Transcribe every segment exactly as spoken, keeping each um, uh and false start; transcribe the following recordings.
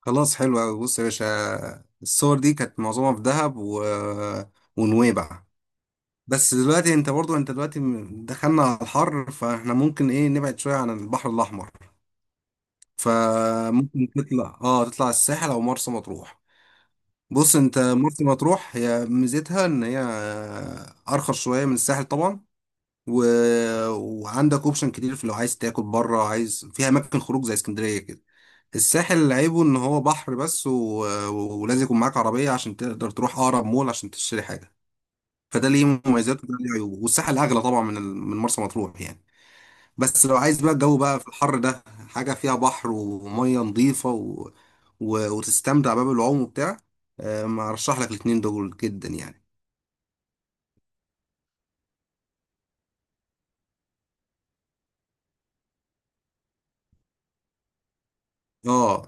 خلاص، حلو أوي، بص يا باشا. الصور دي كانت معظمها في دهب و... ونويبع. بس دلوقتي، انت برضو، انت دلوقتي دخلنا على الحر، فاحنا ممكن ايه نبعد شوية عن البحر الأحمر. فممكن تطلع، اه تطلع الساحل أو مرسى مطروح. بص انت، مرسى مطروح هي ميزتها ان هي أرخص شوية من الساحل طبعا، و... وعندك اوبشن كتير في لو عايز تاكل بره عايز، فيها أماكن خروج زي اسكندرية كده. الساحل عيبه ان هو بحر بس، و... ولازم يكون معاك عربية عشان تقدر تروح اقرب مول عشان تشتري حاجة. فده ليه مميزات وده ليه عيوب، والساحل اغلى طبعا من ال... من مرسى مطروح يعني. بس لو عايز بقى الجو بقى في الحر ده، حاجة فيها بحر ومية نظيفة، و... و... وتستمتع بقى بالعوم وبتاع. آه، ما ارشح لك الاتنين دول جدا يعني. اه.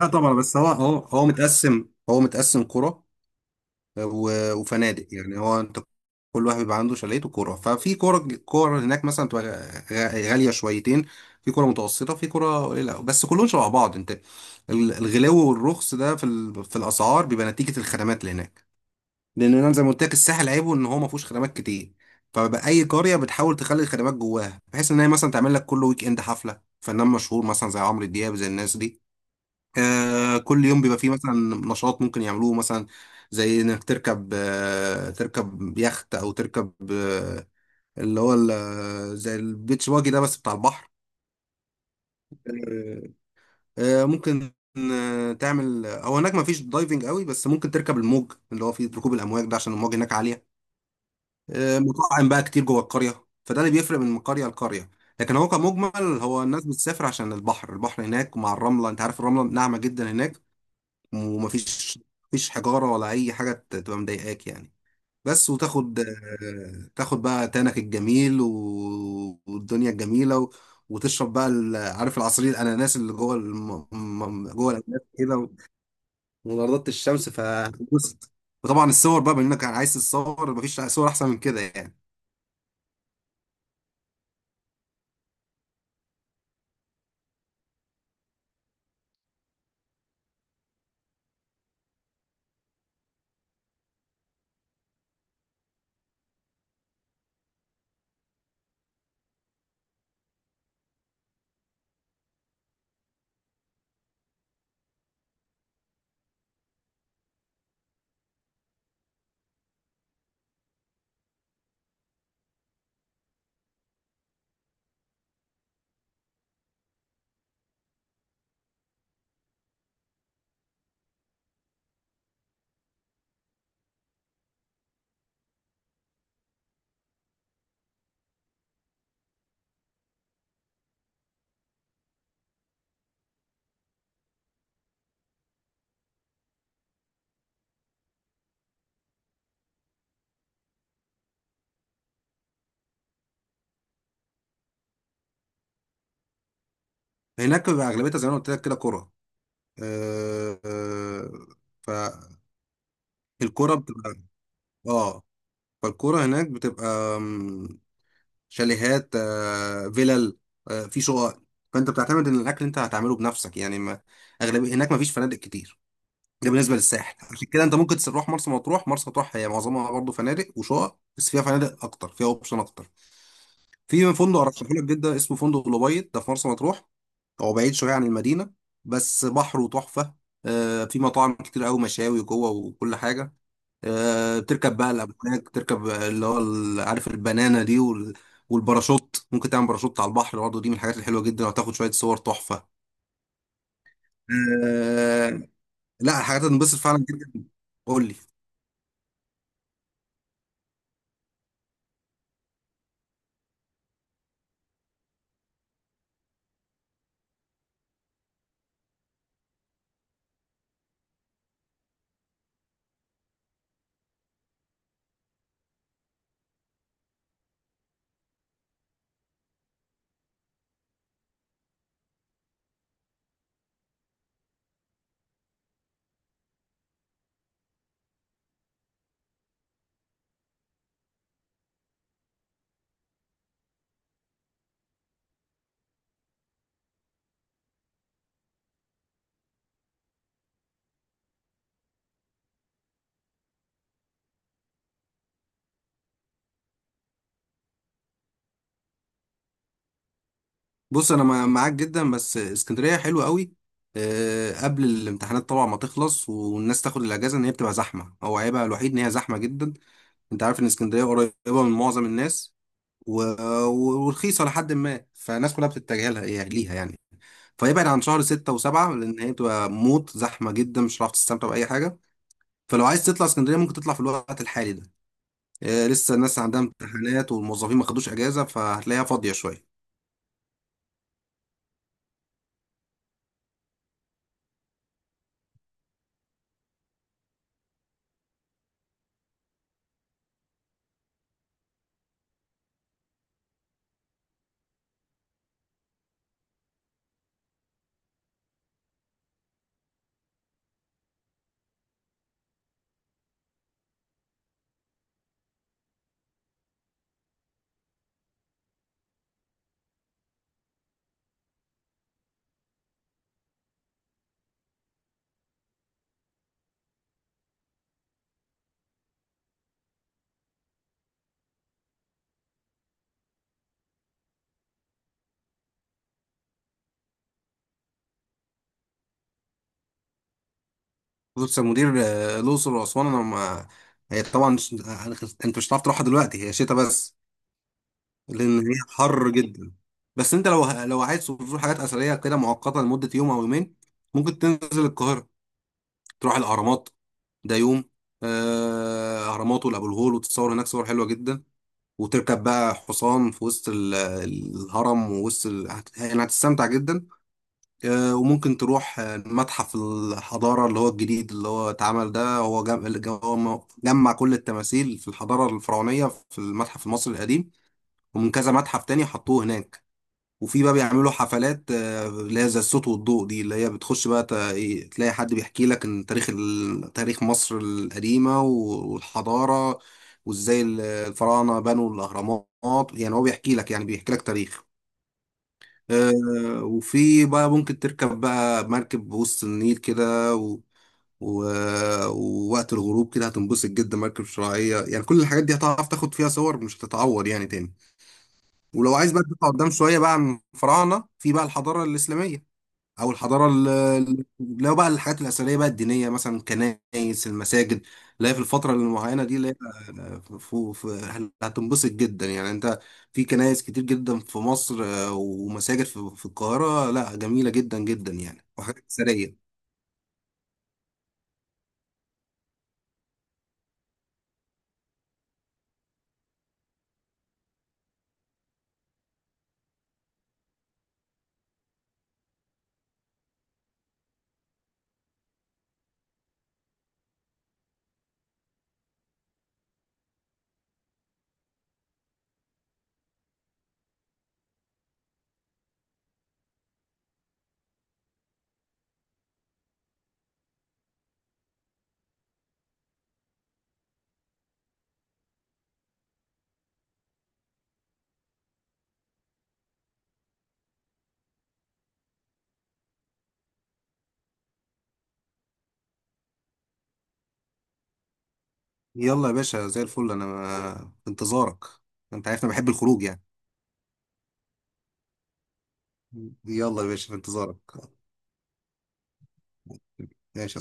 لا طبعا، بس هو هو هو متقسم هو متقسم قرى و- وفنادق يعني. هو انت كل واحد بيبقى عنده شاليه وكوره، ففي كوره كوره هناك مثلا تبقى غ- غاليه شويتين، في كوره متوسطه، في كوره قليله، بس كلهم شبه بعض. انت ال- الغلاوه والرخص ده في ال- في الاسعار بيبقى نتيجه الخدمات اللي هناك. لان انا زي ما قلت لك، الساحل عيبه ان هو ما فيهوش خدمات كتير، فبقى اي قريه بتحاول تخلي الخدمات جواها، بحيث ان هي مثلا تعمل لك كل ويك اند حفله فنان مشهور، مثلا زي عمرو دياب، زي الناس دي. آه، كل يوم بيبقى فيه مثلا نشاط ممكن يعملوه، مثلا زي انك تركب، آه، تركب يخت او تركب، آه، اللي هو ال- آه، زي البيتش باجي ده بس بتاع البحر. آه، آه، ممكن آه، تعمل، آه، هو هناك ما فيش دايفنج قوي، بس ممكن تركب الموج اللي هو فيه ركوب الامواج ده، عشان الموج هناك عاليه. آه، مطاعم بقى كتير جوه القريه، فده اللي بيفرق من قريه لقريه. لكن هو كمجمل، هو الناس بتسافر عشان البحر، البحر هناك مع الرمله، انت عارف الرمله ناعمه جدا هناك، ومفيش مفيش حجارة ولا أي حاجة ت- تبقى مضايقاك يعني. بس وتاخد، آه، تاخد بقى تانك الجميل و- والدنيا الجميلة، و... وتشرب بقى ال- عارف العصير الأناناس اللي جوه الم... م- جوه الأناناس كده، ونضارة الشمس، فبص. وطبعا الصور بقى بما إنك عايز تتصور، مفيش صور أحسن من كده يعني. هناك بيبقى أغلبيتها زي ما أنا قلت لك كده كرة. آه، آه، فالكرة بتبقى، اه فالكرة هناك بتبقى، آمم، شاليهات، آه، فيلل، آه، في شقق. فانت بتعتمد ان الاكل انت هتعمله بنفسك يعني، ما اغلبيه هناك ما فيش فنادق كتير. ده بالنسبه للساحل، عشان كده انت ممكن تروح مرسى مطروح. مرسى مطروح هي معظمها برضه فنادق وشقق، بس فيها فنادق اكتر، فيها اوبشن اكتر. في فندق ارشحه لك جدا اسمه فندق لوبيت، ده في مرسى مطروح، هو بعيد شويه عن المدينه بس بحره تحفه. آه، في مطاعم كتير قوي، مشاوي جوه وكل حاجه. آه، بتركب بقى الأمواج، بتركب اللي هو ال- عارف البنانة دي وال- والباراشوت. ممكن تعمل باراشوت على البحر برضه، دي من الحاجات الحلوة جدا، وهتاخد شوية صور تحفة. آه، لا، حاجات هتنبسط فعلا جدا. قول لي. بص أنا مع- معاك جدا، بس اسكندرية حلوة قوي آه، قبل الامتحانات طبعا ما تخلص والناس تاخد الأجازة، إن هي بتبقى زحمة. هو عيبها الوحيد إن هي زحمة جدا. أنت عارف إن اسكندرية قريبة من معظم الناس و... و- ورخيصة لحد ما، فالناس كلها بتتجه لها يعني، ليها يعني. فيبعد عن شهر ستة وسبعة، لأن هي بتبقى موت زحمة جدا، مش هتعرف تستمتع بأي حاجة. فلو عايز تطلع اسكندرية، ممكن تطلع في الوقت الحالي ده، آه، لسه الناس عندها امتحانات والموظفين ما خدوش أجازة، فهتلاقيها فاضية شوية. بص يا مدير، آه، الأقصر وأسوان، أنا ما هي طبعا مش- آه، أنت مش هتعرف تروحها دلوقتي، هي شتاء بس، لأن هي حر جدا. بس أنت لو لو عايز تزور حاجات أثرية كده مؤقتة لمدة يوم أو يومين، ممكن تنزل القاهرة تروح الأهرامات ديوم. آه، اهرامات وابو الهول، وتصور هناك صور حلوه جدا، وتركب بقى حصان في وسط ال- الهرم ووسط ال... هت- يعني هتستمتع جدا. آه، وممكن تروح آه، متحف الحضاره اللي هو الجديد اللي هو اتعمل ده، هو جم... اللي هو م- جمع كل التماثيل في الحضاره الفرعونيه في المتحف المصري القديم، ومن كذا متحف تاني حطوه هناك. وفي بقى بيعملوا حفلات آه، اللي هي زي الصوت والضوء دي، اللي هي بتخش بقى ت- إيه، تلاقي حد بيحكي لك عن تاريخ ال- تاريخ مصر القديمة و- والحضارة، وازاي ال- الفراعنة بنوا الأهرامات، يعني هو بيحكي لك، يعني بيحكي لك تاريخ. آه، وفي بقى ممكن تركب بقى مركب بوسط النيل كده، و... و... ووقت الغروب كده هتنبسط جدا، مركب شراعية يعني، كل الحاجات دي هتعرف تاخد فيها صور مش هتتعور يعني تاني. ولو عايز بقى تطلع قدام شويه بقى عن الفراعنه، في بقى الحضاره الاسلاميه او الحضاره ال- ال- لو بقى الحاجات الاثريه بقى الدينيه، مثلا الكنائس، المساجد اللي هي في الفتره المعينه دي اللي هي، آه، ف- ف- هتنبسط جدا يعني انت. في كنائس كتير جدا في مصر، آه، ومساجد في في القاهره، لا جميله جدا جدا يعني، وحاجات اثريه. يلا يا باشا زي الفل، انا آه، في انتظارك. انت عارف انا بحب الخروج يعني. يلا يا باشا في انتظارك. ماشي.